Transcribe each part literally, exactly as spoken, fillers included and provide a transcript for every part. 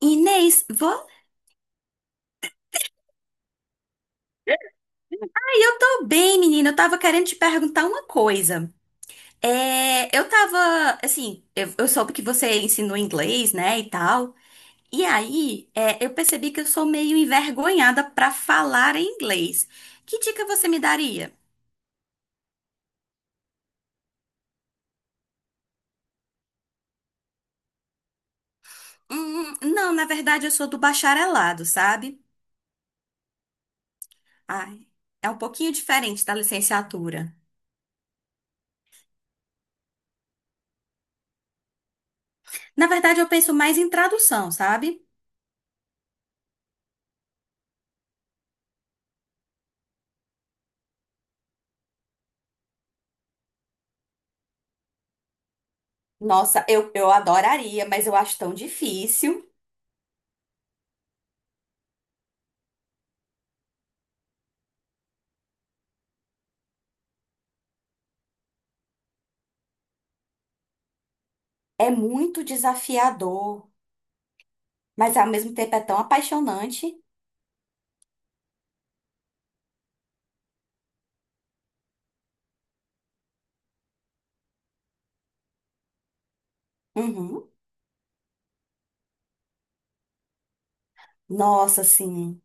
Inês, vo- Ai, eu tô bem, menina. Eu tava querendo te perguntar uma coisa. É, eu tava, assim, eu, eu soube que você ensinou inglês, né, e tal. E aí, é, eu percebi que eu sou meio envergonhada pra falar em inglês. Que dica você me daria? Hum, não, na verdade, eu sou do bacharelado, sabe? Ai, é um pouquinho diferente da licenciatura. Na verdade, eu penso mais em tradução, sabe? Nossa, eu, eu adoraria, mas eu acho tão difícil. É muito desafiador, mas ao mesmo tempo é tão apaixonante. Uhum. Nossa, sim.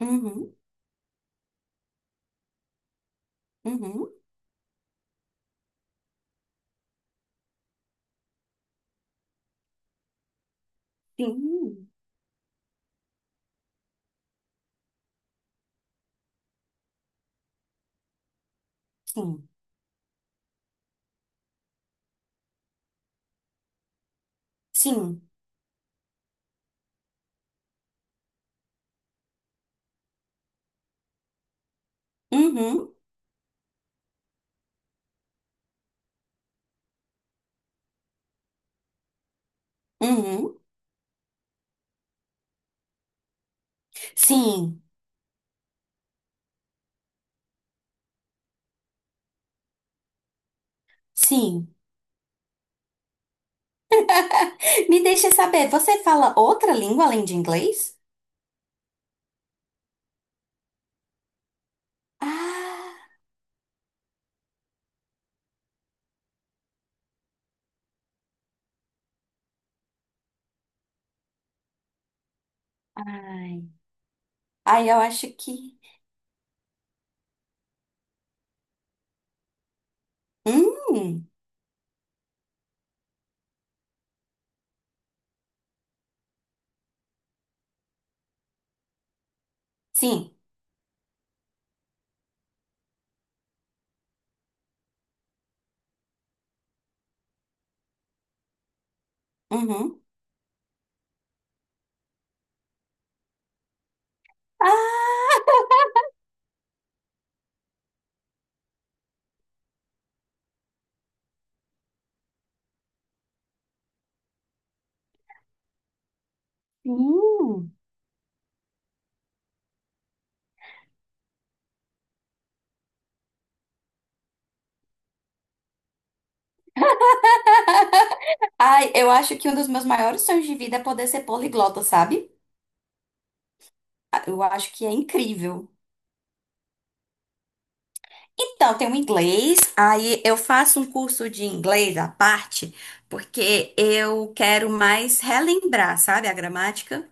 Uhum. Uhum. Sim. Sim. Sim. Uhum. Uhum. Sim. Sim. Me deixa saber, você fala outra língua além de inglês? Ah, ai. Ai, eu acho que. Hum. Sim. Uhum. Ah, Sim. Ai, eu acho que um dos meus maiores sonhos de vida é poder ser poliglota, sabe? Eu acho que é incrível. Então, tem o inglês, aí eu faço um curso de inglês à parte, porque eu quero mais relembrar, sabe, a gramática.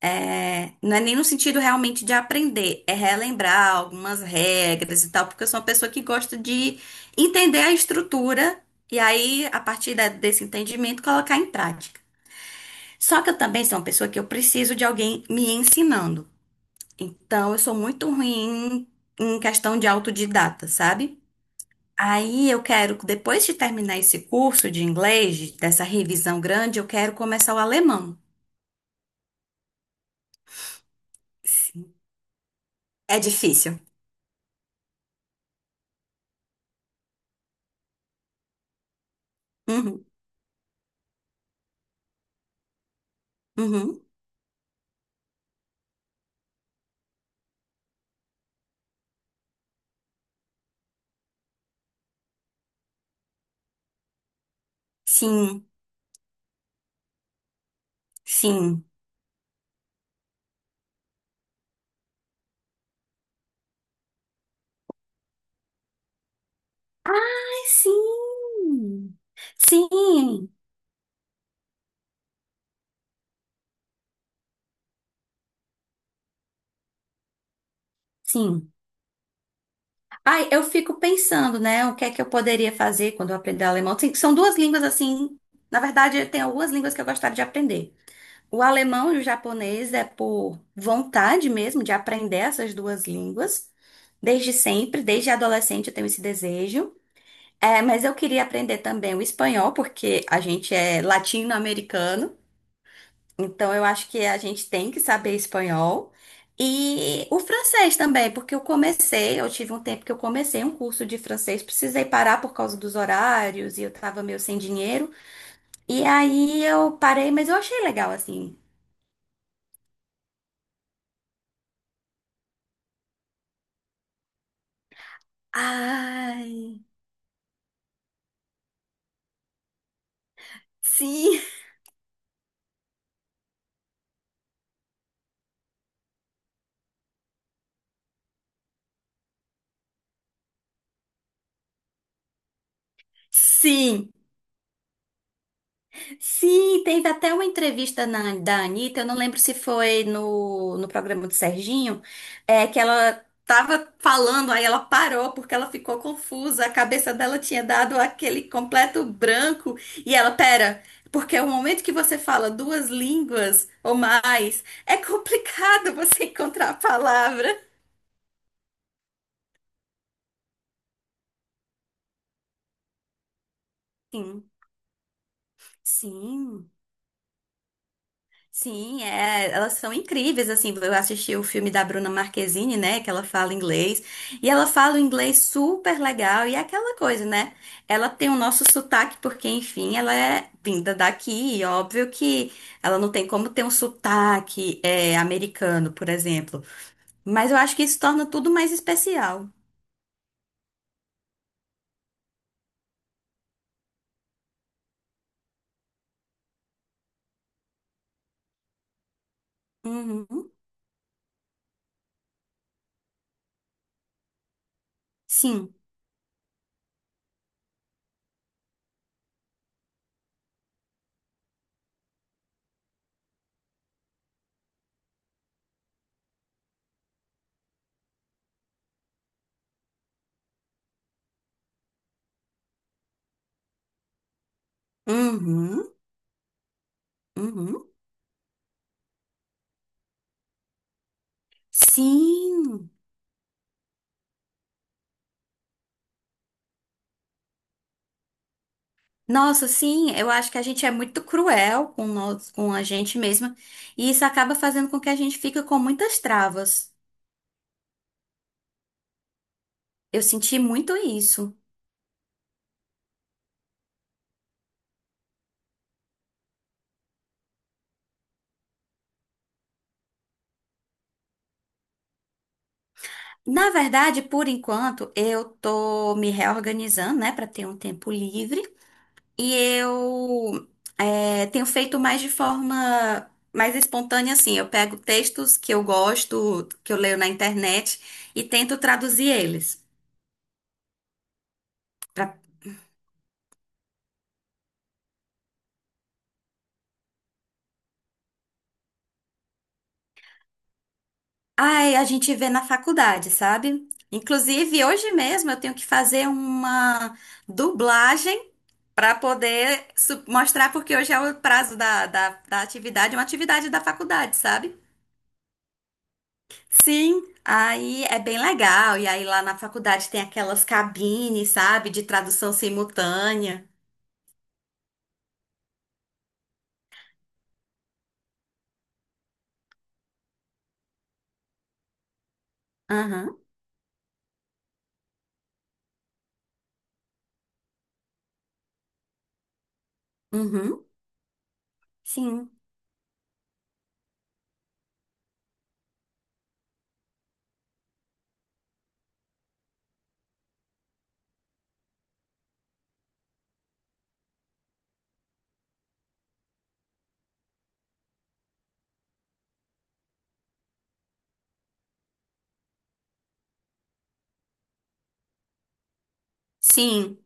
É, não é nem no sentido realmente de aprender, é relembrar algumas regras e tal, porque eu sou uma pessoa que gosta de entender a estrutura e aí, a partir da- desse entendimento, colocar em prática. Só que eu também sou uma pessoa que eu preciso de alguém me ensinando. Então, eu sou muito ruim em questão de autodidata, sabe? Aí eu quero, depois de terminar esse curso de inglês, dessa revisão grande, eu quero começar o alemão. Sim. É difícil. Uhum, uhum. Sim, sim. Sim. Sim, sim. Ai, eu fico pensando, né, o que é que eu poderia fazer quando eu aprender alemão. Sim, são duas línguas assim, na verdade, tem algumas línguas que eu gostaria de aprender. O alemão e o japonês é por vontade mesmo de aprender essas duas línguas. Desde sempre, desde adolescente eu tenho esse desejo. É, mas eu queria aprender também o espanhol, porque a gente é latino-americano, então eu acho que a gente tem que saber espanhol. E o francês também, porque eu comecei, eu tive um tempo que eu comecei um curso de francês, precisei parar por causa dos horários e eu tava meio sem dinheiro. E aí eu parei, mas eu achei legal assim. Ai. Sim, sim, sim. Teve até uma entrevista na, da Anitta, eu não lembro se foi no, no programa do Serginho, é, que ela tava falando, aí ela parou porque ela ficou confusa, a cabeça dela tinha dado aquele completo branco, e ela, pera, porque o momento que você fala duas línguas ou mais, é complicado você encontrar a palavra. Sim, sim. Sim, é, elas são incríveis, assim, eu assisti o filme da Bruna Marquezine, né, que ela fala inglês, e ela fala o inglês super legal, e é aquela coisa, né, ela tem o nosso sotaque, porque, enfim, ela é vinda daqui, e óbvio que ela não tem como ter um sotaque é, americano, por exemplo, mas eu acho que isso torna tudo mais especial. Uhum, sim. Uhum, uhum. Sim. Nossa, sim, eu acho que a gente é muito cruel com nós, com a gente mesma, e isso acaba fazendo com que a gente fique com muitas travas. Eu senti muito isso. Na verdade, por enquanto, eu tô me reorganizando, né, para ter um tempo livre, e eu é, tenho feito mais de forma mais espontânea, assim. Eu pego textos que eu gosto, que eu leio na internet, e tento traduzir eles. Ai, a gente vê na faculdade, sabe? Inclusive, hoje mesmo eu tenho que fazer uma dublagem para poder su- mostrar, porque hoje é o prazo da, da, da atividade, uma atividade da faculdade, sabe? Sim, aí é bem legal. E aí lá na faculdade tem aquelas cabines, sabe? De tradução simultânea. Aham, uhum, sim. Sim,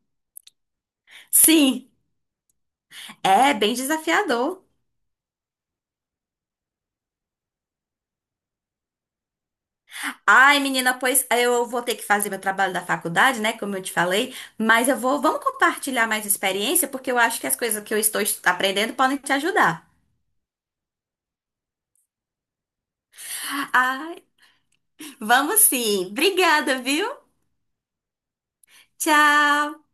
sim. É bem desafiador. Ai, menina, pois eu vou ter que fazer meu trabalho da faculdade, né? Como eu te falei, mas eu vou, vamos compartilhar mais experiência, porque eu acho que as coisas que eu estou est- aprendendo podem te ajudar. Ai, vamos sim. Obrigada, viu? Tchau.